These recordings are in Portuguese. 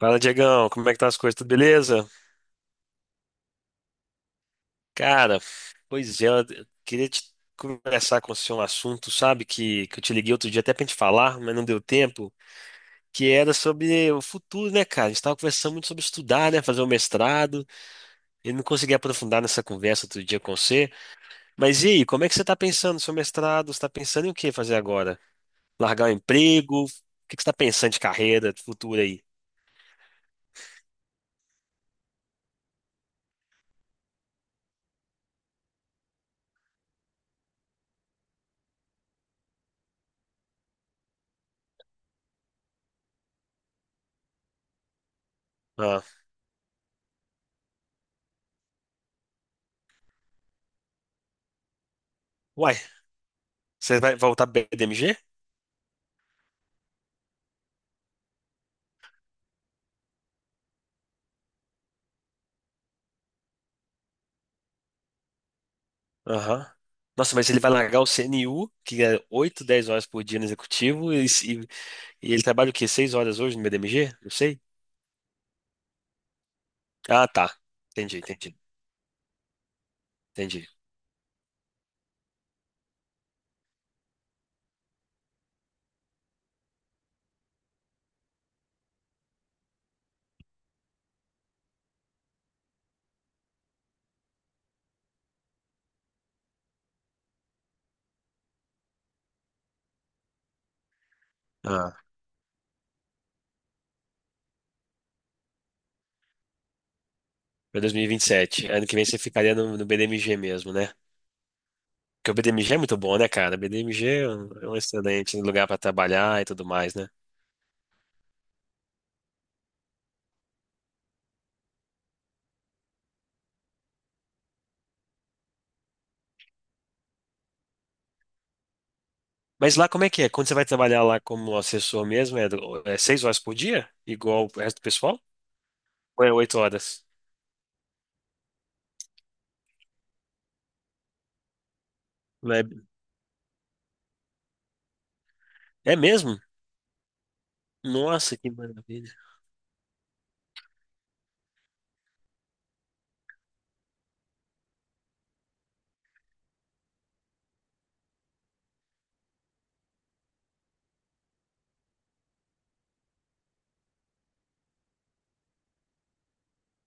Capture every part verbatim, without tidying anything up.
Fala, Diegão, como é que tá as coisas? Tudo beleza? Cara, pois é, eu queria te conversar com você um assunto, sabe, que, que eu te liguei outro dia até pra gente falar, mas não deu tempo, que era sobre o futuro, né, cara? A gente tava conversando muito sobre estudar, né, fazer o mestrado, e não consegui aprofundar nessa conversa outro dia com você. Mas e aí, como é que você tá pensando no seu mestrado? Você tá pensando em o que fazer agora? Largar o emprego? O que que você tá pensando de carreira, de futuro aí? Ah, uai, você vai voltar pra B D M G? Aham. Nossa, mas ele vai largar o C N U, que é oito dez horas por dia no executivo, e, se- e ele trabalha o quê? Seis horas hoje no B D M G? Não sei. Ah, tá. Entendi, entendi, entendi. Ah, para dois mil e e vinte e sete, ano que vem você ficaria no, no B D M G mesmo, né? Porque o B D M G é muito bom, né, cara? O B D M G é um é um excelente lugar para trabalhar e tudo mais, né? Mas lá como é que é? Quando você vai trabalhar lá como assessor mesmo, é, do- é seis horas por dia? Igual o resto do pessoal? Ou é oito horas? Não. É é mesmo? Nossa, que maravilha.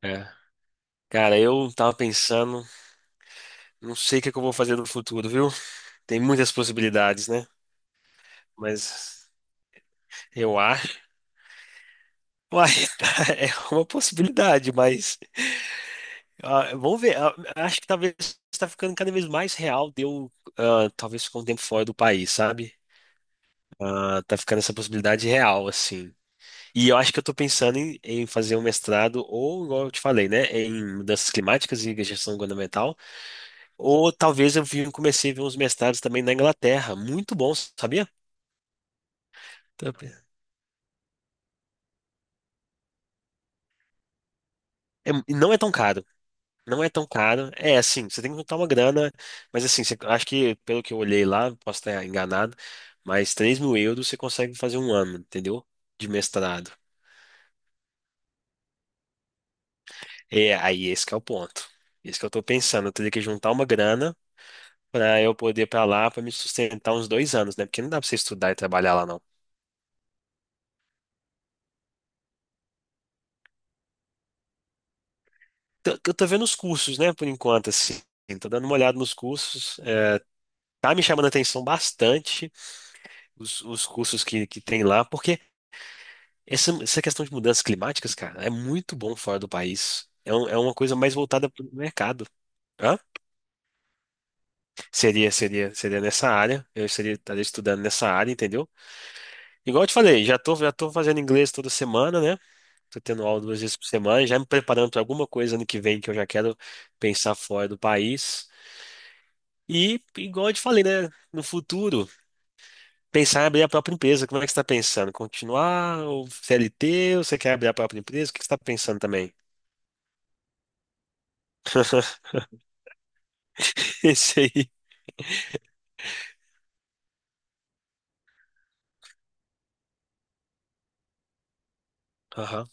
É. Cara, eu tava pensando, não sei o que é que eu vou fazer no futuro, viu? Tem muitas possibilidades, né? Mas eu acho. Uai, é uma possibilidade, mas. Ah, vamos ver. Ah, acho que talvez tá ficando cada vez mais real de eu, ah, talvez ficar um tempo fora do país, sabe? Ah, tá ficando essa possibilidade real, assim. E eu acho que eu tô pensando em, em fazer um mestrado, ou, igual eu te falei, né? Em mudanças climáticas e gestão governamental. Ou talvez eu vi, comecei a ver uns mestrados também na Inglaterra. Muito bom, sabia? Então, é, e não é tão caro. Não é tão caro. É assim, você tem que juntar uma grana, mas assim, você, acho que, pelo que eu olhei lá, posso estar enganado, mas três mil euros você consegue fazer um ano, entendeu? De mestrado. É, aí esse que é o ponto. Isso que eu tô pensando. Eu teria que juntar uma grana pra eu poder ir pra lá, pra me sustentar uns dois anos, né? Porque não dá pra você estudar e trabalhar lá, não. Tô- Eu tô vendo os cursos, né, por enquanto, assim. Tô dando uma olhada nos cursos. Tá me chamando a atenção bastante os, os cursos que, que tem lá, porque essa, essa questão de mudanças climáticas, cara, é muito bom fora do país. É, um- é uma coisa mais voltada para o mercado. Hã? Seria, seria, seria nessa área. Eu seria, estaria estudando nessa área, entendeu? Igual eu te falei, já tô, já tô fazendo inglês toda semana, né? Tô tendo aula duas vezes por semana, já me preparando para alguma coisa ano que vem que eu já quero pensar fora do país. E, igual eu te falei, né? No futuro. Pensar em abrir a própria empresa, como é que você está pensando? Continuar ou C L T? Ou você quer abrir a própria empresa? O que que você está pensando também? Esse aí. Aham.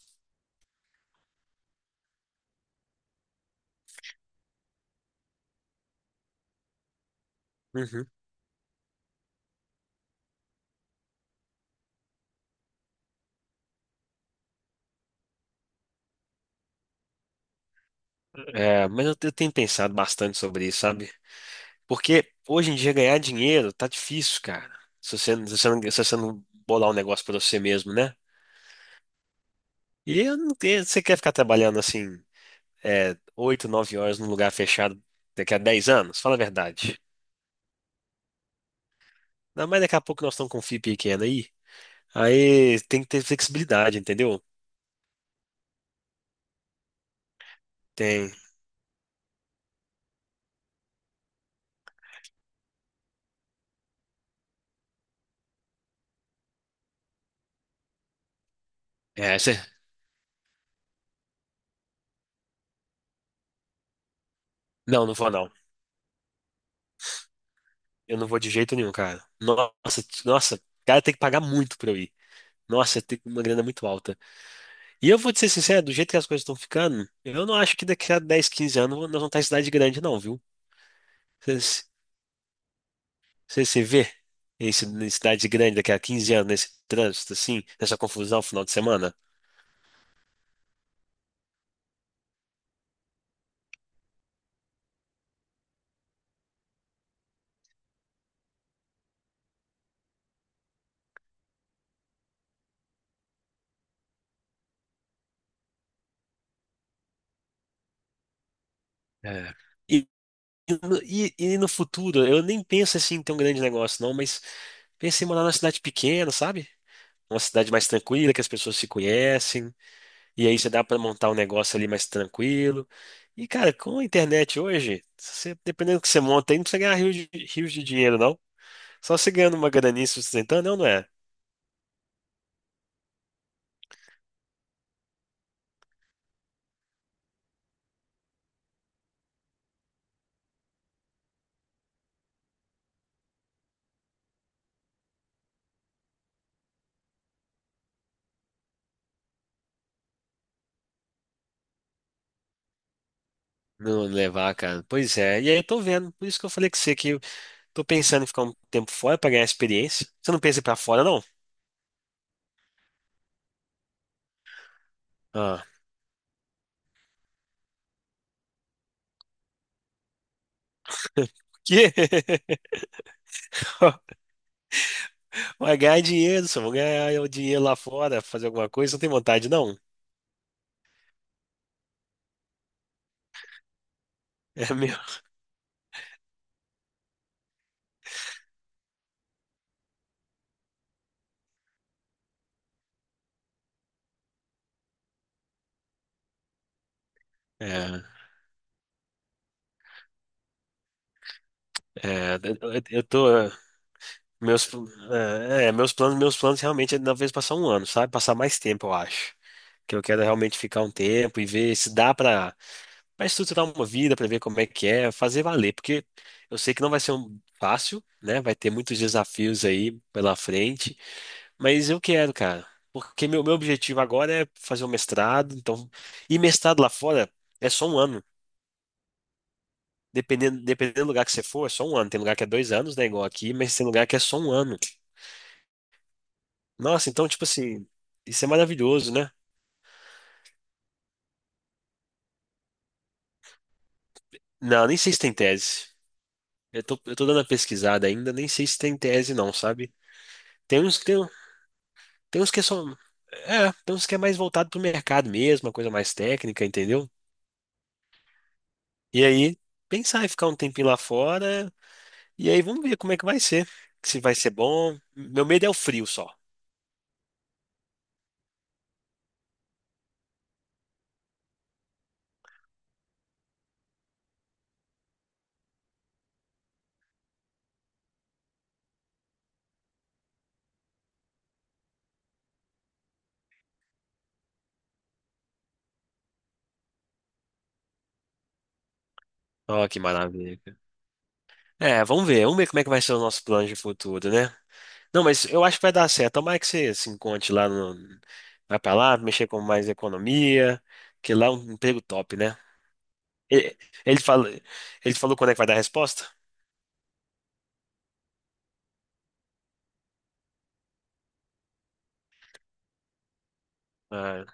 Uhum. É, mas eu, eu tenho pensado bastante sobre isso, sabe? Porque hoje em dia ganhar dinheiro tá difícil, cara. Se você, se você, não, se você não bolar um negócio pra você mesmo, né? E eu não tenho, você quer ficar trabalhando assim, é, oito, nove horas num lugar fechado daqui a dez anos? Fala a verdade. Não, mas daqui a pouco nós estamos com um F I I pequeno aí. Aí tem que ter flexibilidade, entendeu? Tem. É, você. Não, não vou não. Eu não vou de jeito nenhum, cara. Nossa, t- nossa, o cara tem que pagar muito pra eu ir. Nossa, tem uma grana muito alta. E eu vou te ser sincero, do jeito que as coisas estão ficando, eu não acho que daqui a dez, quinze anos nós vamos estar em cidade grande, não, viu? Você se vê em ci- em cidade grande daqui a quinze anos, nesse trânsito, assim, nessa confusão no final de semana? É. E, e, no e- e no futuro, eu nem penso assim em ter um grande negócio, não, mas pensei em morar numa cidade pequena, sabe? Uma cidade mais tranquila, que as pessoas se conhecem. E aí já dá para montar um negócio ali mais tranquilo. E, cara, com a internet hoje, se você- dependendo do que você monta aí, não precisa ganhar rios de, rios de dinheiro, não. Só você ganhando uma graninha se sustentando, não, não é? Não levar, cara. Pois é. E aí eu tô vendo. Por isso que eu falei com você que eu tô pensando em ficar um tempo fora pra ganhar experiência. Você não pensa em ir pra fora, não? Ah. Que? Vai ganhar dinheiro, só vou ganhar o dinheiro lá fora, fazer alguma coisa, não tem vontade, não. É meu. É, é, eu eu tô. Meus, é, é, meus planos, meus planos realmente é talvez passar um ano, sabe? Passar mais tempo, eu acho. Que eu quero realmente ficar um tempo e ver se dá pra, pra estruturar uma vida, pra ver como é que é, fazer valer, porque eu sei que não vai ser um fácil, né? Vai ter muitos desafios aí pela frente, mas eu quero, cara. Porque meu, meu objetivo agora é fazer um mestrado, então, e mestrado lá fora é só um ano. Dependendo, dependendo do lugar que você for, é só um ano. Tem lugar que é dois anos, né? Igual aqui, mas tem lugar que é só um ano. Nossa, então, tipo assim, isso é maravilhoso, né? Não, nem sei se tem tese. Eu tô, eu tô dando a pesquisada ainda, nem sei se tem tese não, sabe? Tem uns que tem, tem uns que são, é, tem uns que é mais voltado pro mercado mesmo, uma coisa mais técnica, entendeu? E aí, pensar em ficar um tempinho lá fora, e aí vamos ver como é que vai ser, se vai ser bom. Meu medo é o frio só. Ó, que maravilha. É, vamos ver, vamos ver como é que vai ser o nosso plano de futuro, né? Não, mas eu acho que vai dar certo. Tomara que você se encontre lá no. Vai pra lá, mexer com mais economia, que lá é um emprego top, né? E- Ele, fala, ele falou quando é que vai dar a resposta? Ah,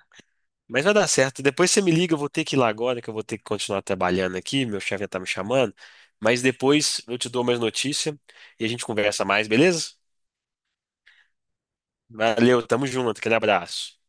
mas vai dar certo. Depois você me liga, eu vou ter que ir lá agora, que eu vou ter que continuar trabalhando aqui. Meu chefe já tá me chamando. Mas depois eu te dou mais notícia e a gente conversa mais, beleza? Valeu, tamo junto, aquele abraço.